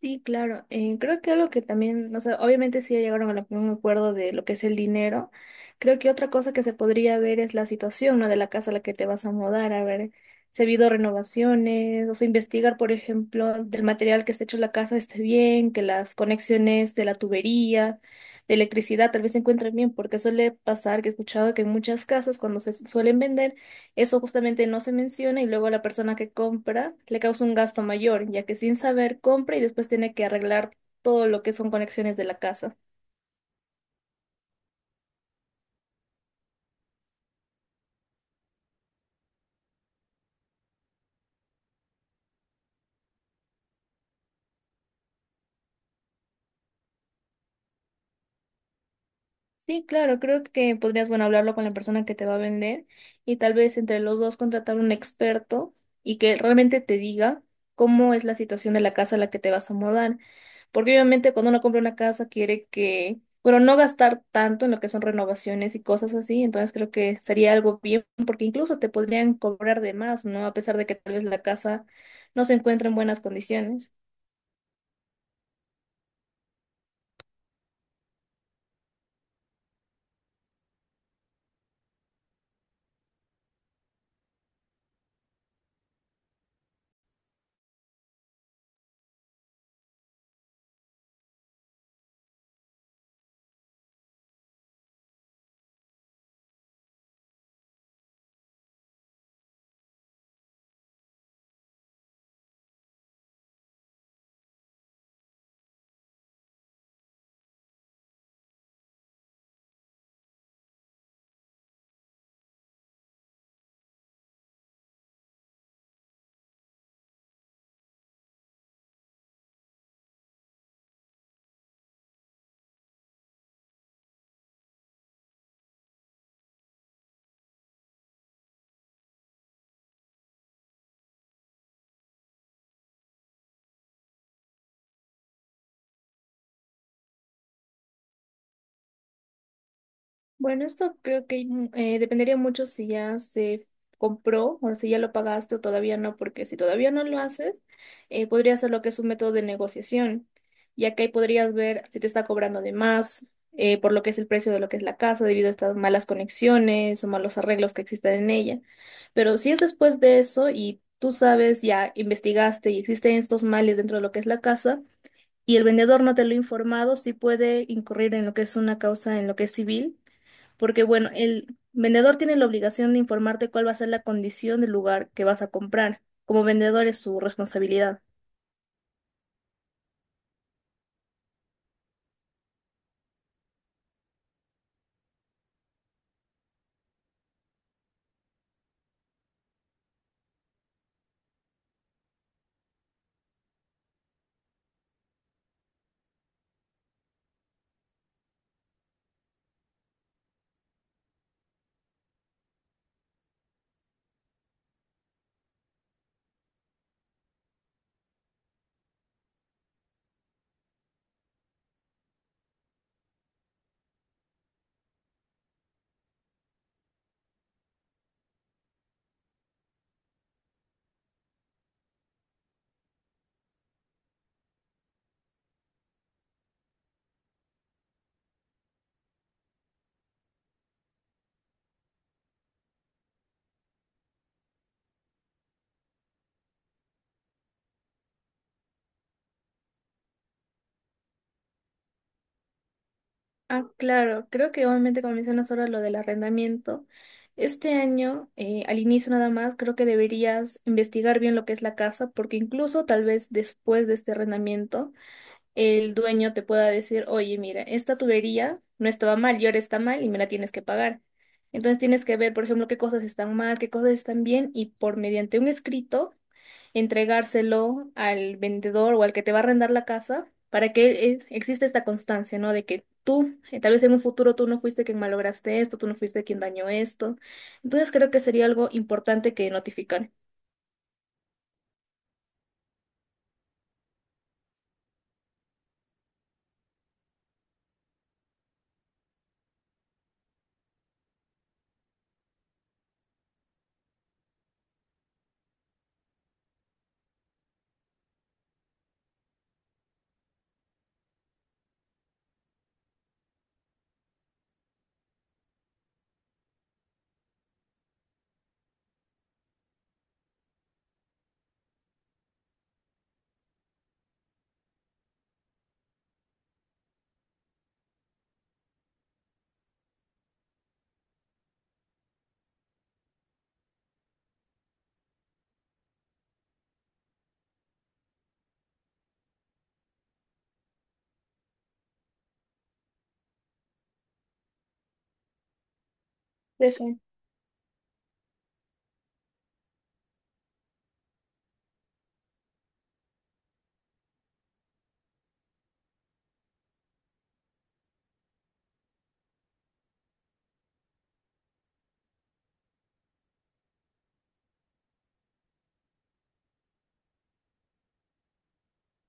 Sí, claro. Creo que algo que también, o sea, obviamente sí ya llegaron a un acuerdo de lo que es el dinero. Creo que otra cosa que se podría ver es la situación, ¿no? De la casa a la que te vas a mudar, a ver si ha habido renovaciones, o sea, investigar, por ejemplo, del material que está hecho la casa esté bien, que las conexiones de la tubería, de electricidad, tal vez se encuentren bien, porque suele pasar que he escuchado que en muchas casas cuando se suelen vender eso justamente no se menciona y luego a la persona que compra le causa un gasto mayor, ya que sin saber compra y después tiene que arreglar todo lo que son conexiones de la casa. Sí, claro, creo que podrías, bueno, hablarlo con la persona que te va a vender y tal vez entre los dos contratar un experto y que él realmente te diga cómo es la situación de la casa a la que te vas a mudar. Porque obviamente cuando uno compra una casa quiere que, bueno, no gastar tanto en lo que son renovaciones y cosas así, entonces creo que sería algo bien, porque incluso te podrían cobrar de más, ¿no? A pesar de que tal vez la casa no se encuentra en buenas condiciones. Bueno, esto creo que dependería mucho si ya se compró o si ya lo pagaste o todavía no, porque si todavía no lo haces, podría ser lo que es un método de negociación, ya que ahí podrías ver si te está cobrando de más, por lo que es el precio de lo que es la casa, debido a estas malas conexiones o malos arreglos que existen en ella. Pero si es después de eso y tú sabes, ya investigaste y existen estos males dentro de lo que es la casa, y el vendedor no te lo ha informado, sí puede incurrir en lo que es una causa, en lo que es civil, porque bueno, el vendedor tiene la obligación de informarte cuál va a ser la condición del lugar que vas a comprar. Como vendedor es su responsabilidad. Ah, claro, creo que obviamente como mencionas ahora lo del arrendamiento, este año, al inicio nada más, creo que deberías investigar bien lo que es la casa, porque incluso tal vez después de este arrendamiento, el dueño te pueda decir, oye, mira, esta tubería no estaba mal y ahora está mal y me la tienes que pagar. Entonces tienes que ver, por ejemplo, qué cosas están mal, qué cosas están bien y por mediante un escrito entregárselo al vendedor o al que te va a arrendar la casa para que exista esta constancia, ¿no? De que tú, tal vez en un futuro tú no fuiste quien malograste esto, tú no fuiste quien dañó esto. Entonces creo que sería algo importante que notificar.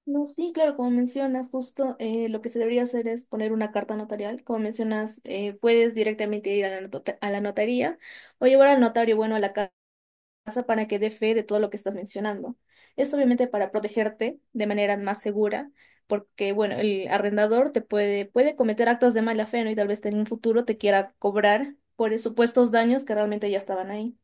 No, sí, claro, como mencionas, justo lo que se debería hacer es poner una carta notarial. Como mencionas, puedes directamente ir a la, a la notaría o llevar al notario, bueno, a la casa para que dé fe de todo lo que estás mencionando. Es obviamente para protegerte de manera más segura, porque, bueno, el arrendador te puede cometer actos de mala fe, ¿no? Y tal vez en un futuro te quiera cobrar por supuestos daños que realmente ya estaban ahí.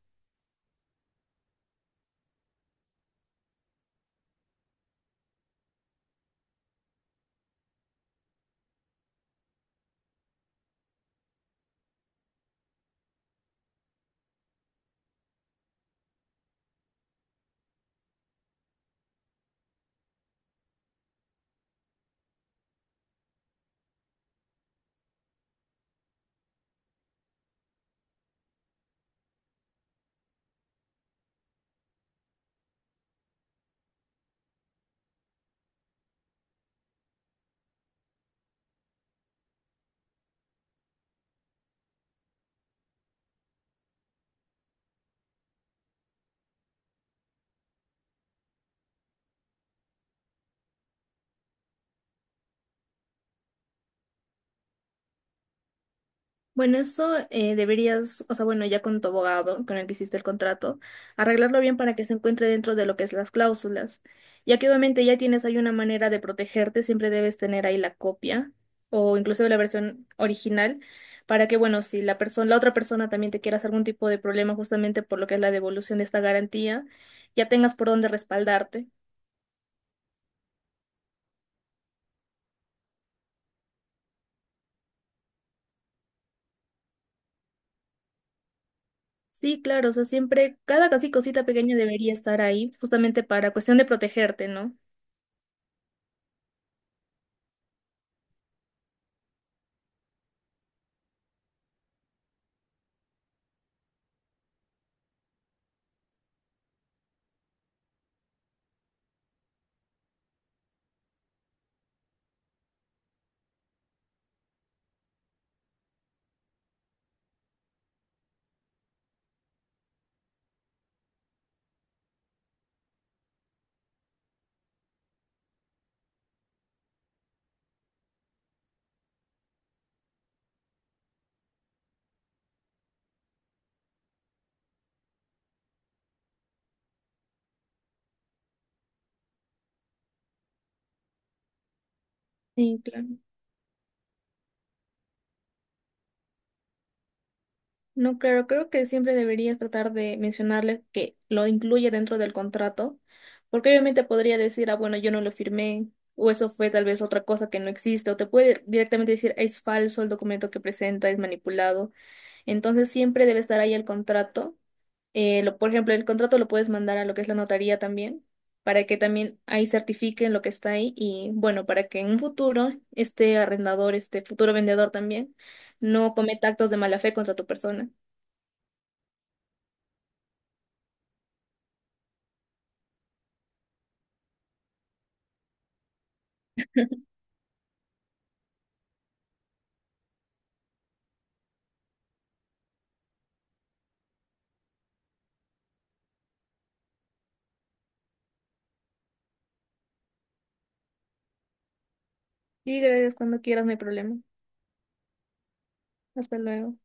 Bueno, eso deberías, o sea, bueno, ya con tu abogado con el que hiciste el contrato, arreglarlo bien para que se encuentre dentro de lo que es las cláusulas. Ya que obviamente ya tienes ahí una manera de protegerte, siempre debes tener ahí la copia o incluso la versión original para que, bueno, si la persona, la otra persona también te quiera hacer algún tipo de problema justamente por lo que es la devolución de esta garantía, ya tengas por dónde respaldarte. Sí, claro, o sea, siempre cada casi cosita pequeña debería estar ahí justamente para cuestión de protegerte, ¿no? Sí, claro. No, claro, creo que siempre deberías tratar de mencionarle que lo incluye dentro del contrato, porque obviamente podría decir, ah, bueno, yo no lo firmé, o eso fue tal vez otra cosa que no existe, o te puede directamente decir, es falso el documento que presenta, es manipulado. Entonces siempre debe estar ahí el contrato. Lo, por ejemplo, el contrato lo puedes mandar a lo que es la notaría también, para que también ahí certifiquen lo que está ahí y bueno, para que en un futuro este arrendador, este futuro vendedor también, no cometa actos de mala fe contra tu persona. Y gracias cuando quieras, no hay problema. Hasta luego.